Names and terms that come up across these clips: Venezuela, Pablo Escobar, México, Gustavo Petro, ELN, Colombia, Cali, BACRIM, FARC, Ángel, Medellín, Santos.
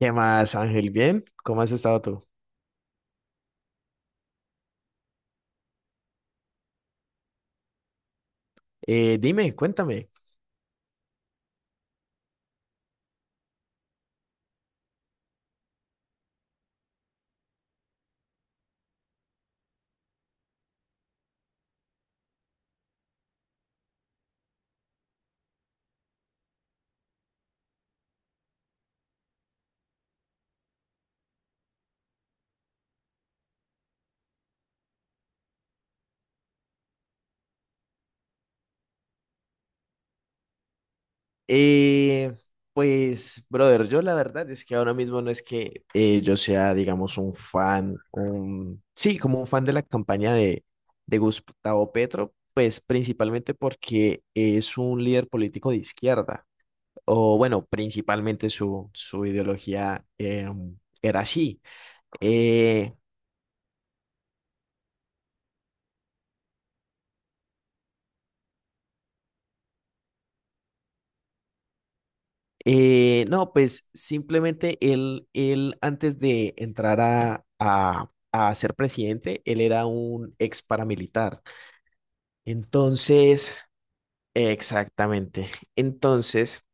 ¿Qué más, Ángel? ¿Bien? ¿Cómo has estado tú? Dime, cuéntame. Eh, pues, brother, yo la verdad es que ahora mismo no es que yo sea, digamos, un fan, un... sí, como un fan de la campaña de Gustavo Petro, pues principalmente porque es un líder político de izquierda, o bueno, principalmente su ideología era así. Eh, no, pues simplemente él antes de entrar a ser presidente, él era un ex paramilitar. Entonces, exactamente. Entonces,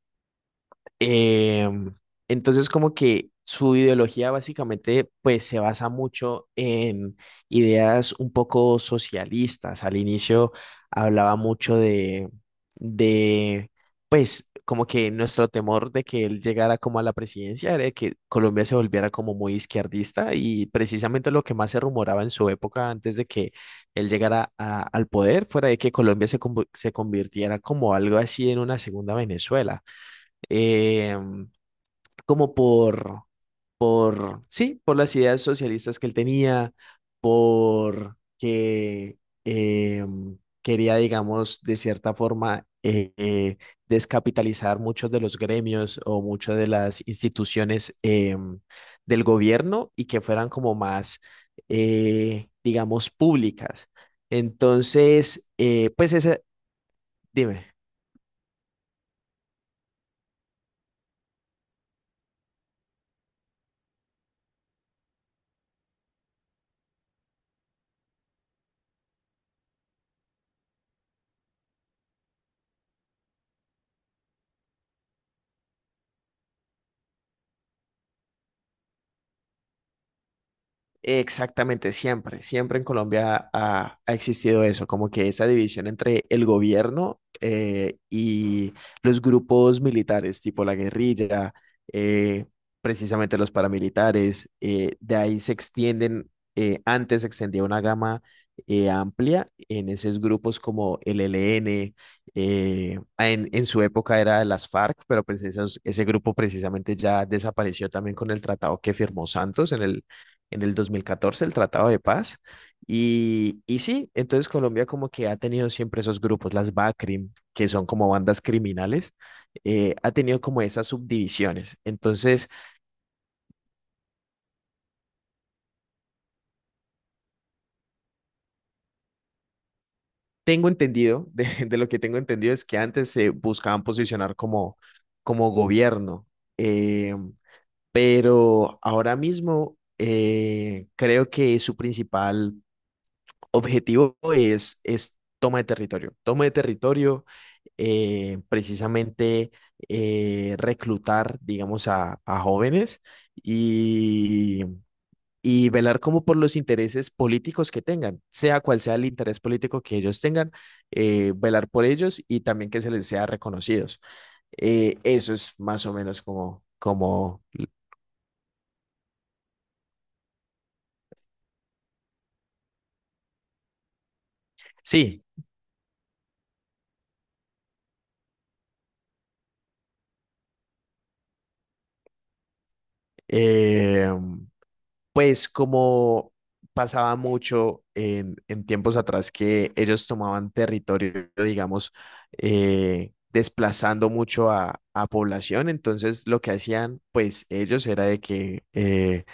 Em, entonces, como que su ideología básicamente, pues se basa mucho en ideas un poco socialistas. Al inicio hablaba mucho de, pues, como que nuestro temor de que él llegara como a la presidencia era de que Colombia se volviera como muy izquierdista y precisamente lo que más se rumoraba en su época antes de que él llegara al poder fuera de que Colombia se convirtiera como algo así en una segunda Venezuela, eh, como sí, por las ideas socialistas que él tenía, por que eh, quería, digamos, de cierta forma, descapitalizar muchos de los gremios o muchas de las instituciones del gobierno y que fueran como más, digamos, públicas. Entonces, pues esa, dime. Exactamente, siempre, siempre en Colombia ha existido eso, como que esa división entre el gobierno y los grupos militares, tipo la guerrilla, eh, precisamente los paramilitares, de ahí se extienden, antes se extendía una gama amplia en esos grupos como el ELN, en su época era las FARC, pero pues ese grupo precisamente ya desapareció también con el tratado que firmó Santos en el dos mil catorce, el Tratado de Paz. Y sí, entonces Colombia como que ha tenido siempre esos grupos, las BACRIM, que son como bandas criminales, ha tenido como esas subdivisiones. Entonces, tengo entendido, de lo que tengo entendido es que antes se buscaban posicionar como, como gobierno, eh, pero ahora mismo creo que su principal objetivo es toma de territorio. Toma de territorio, precisamente reclutar, digamos, a jóvenes y, y velar como por los intereses políticos que tengan, sea cual sea el interés político que ellos tengan, velar por ellos y también que se les sea reconocidos. Eso es más o menos como, como, sí, eh, pues como pasaba mucho en tiempos atrás que ellos tomaban territorio, digamos, desplazando mucho a población, entonces lo que hacían, pues ellos era de que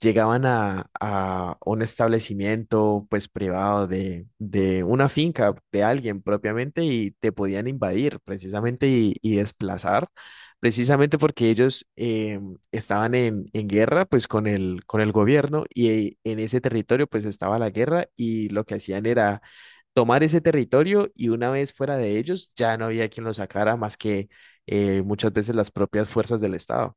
llegaban a un establecimiento pues privado de una finca de alguien propiamente y te podían invadir precisamente y desplazar, precisamente porque ellos estaban en guerra pues con el gobierno y en ese territorio pues estaba la guerra y lo que hacían era tomar ese territorio y una vez fuera de ellos ya no había quien lo sacara más que muchas veces las propias fuerzas del Estado.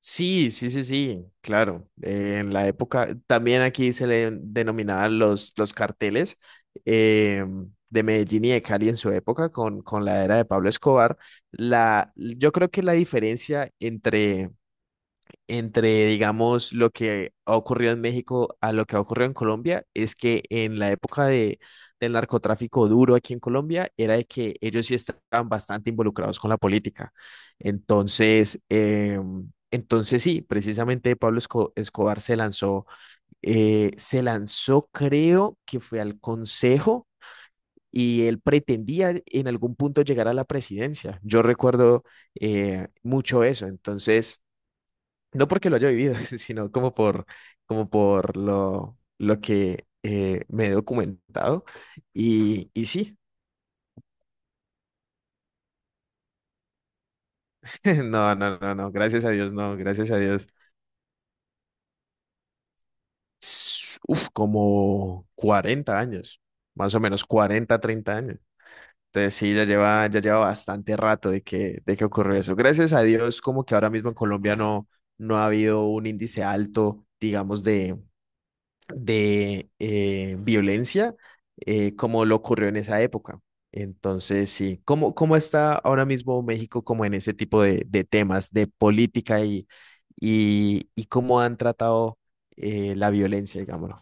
Sí, sí, sí, sí, claro. En la época, también aquí se le denominaban los carteles eh, de Medellín y de Cali en su época con la era de Pablo Escobar. La, yo creo que la diferencia entre, digamos, lo que ha ocurrido en México a lo que ha ocurrido en Colombia es que en la época del narcotráfico duro aquí en Colombia era de que ellos sí estaban bastante involucrados con la política. Entonces, entonces sí, precisamente Escobar se lanzó, creo que fue al Consejo. Y él pretendía en algún punto llegar a la presidencia. Yo recuerdo mucho eso. Entonces, no porque lo haya vivido, sino como por, como por lo que me he documentado. Y sí, no, no, no, no, gracias a Dios, no, gracias a Dios. S- Uf, como 40 años, más o menos 40 30 años. Entonces sí, ya lleva bastante rato de que ocurrió eso. Gracias a Dios, como que ahora mismo en Colombia no, no ha habido un índice alto, digamos, de violencia como lo ocurrió en esa época. Entonces, sí, ¿cómo, cómo está ahora mismo México como en ese tipo de temas de política y cómo han tratado la violencia, digámoslo?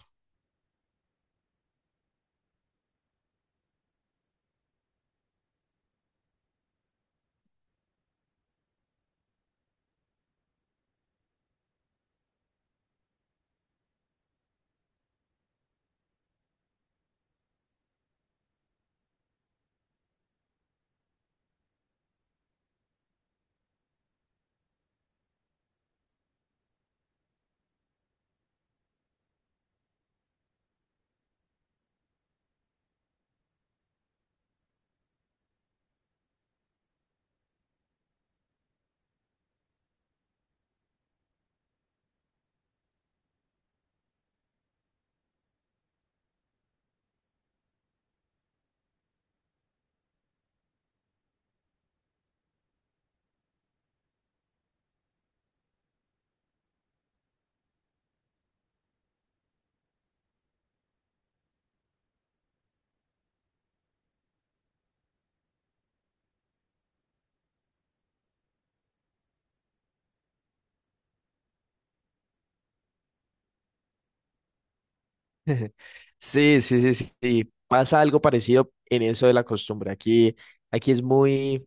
Sí, sí, sí, sí, sí. Pasa algo parecido en eso de la costumbre. Aquí, aquí es muy,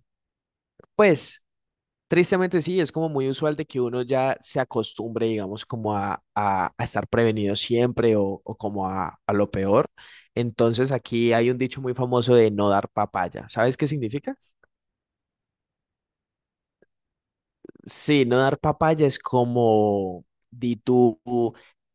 pues, tristemente sí, es como muy usual de que uno ya se acostumbre, digamos, como a estar prevenido siempre o como a lo peor. Entonces aquí hay un dicho muy famoso de no dar papaya. ¿Sabes qué significa? Sí, no dar papaya es como, di tú,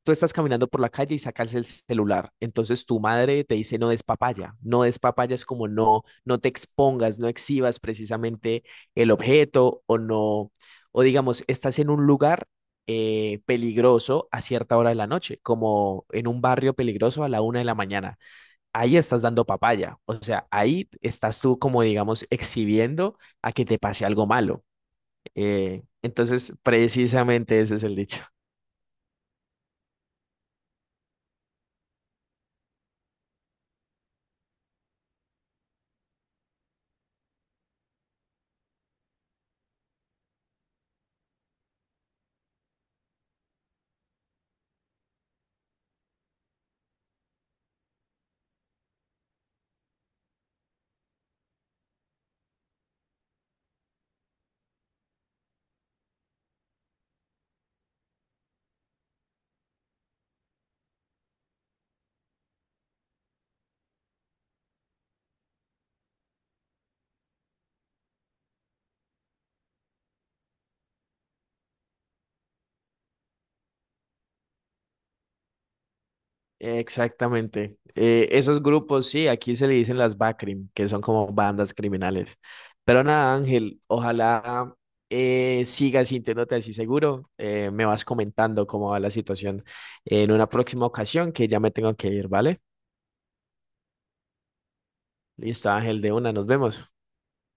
tú estás caminando por la calle y sacas el celular. Entonces tu madre te dice no des papaya. No des papaya es como no, no te expongas, no exhibas precisamente el objeto o no, o digamos, estás en un lugar peligroso a cierta hora de la noche, como en un barrio peligroso a la una de la mañana. Ahí estás dando papaya. O sea, ahí estás tú como, digamos, exhibiendo a que te pase algo malo. Entonces, precisamente ese es el dicho. Exactamente. Esos grupos, sí, aquí se le dicen las BACRIM, que son como bandas criminales. Pero nada, Ángel, ojalá sigas sintiéndote así seguro. Me vas comentando cómo va la situación en una próxima ocasión, que ya me tengo que ir, ¿vale? Listo, Ángel, de una, nos vemos.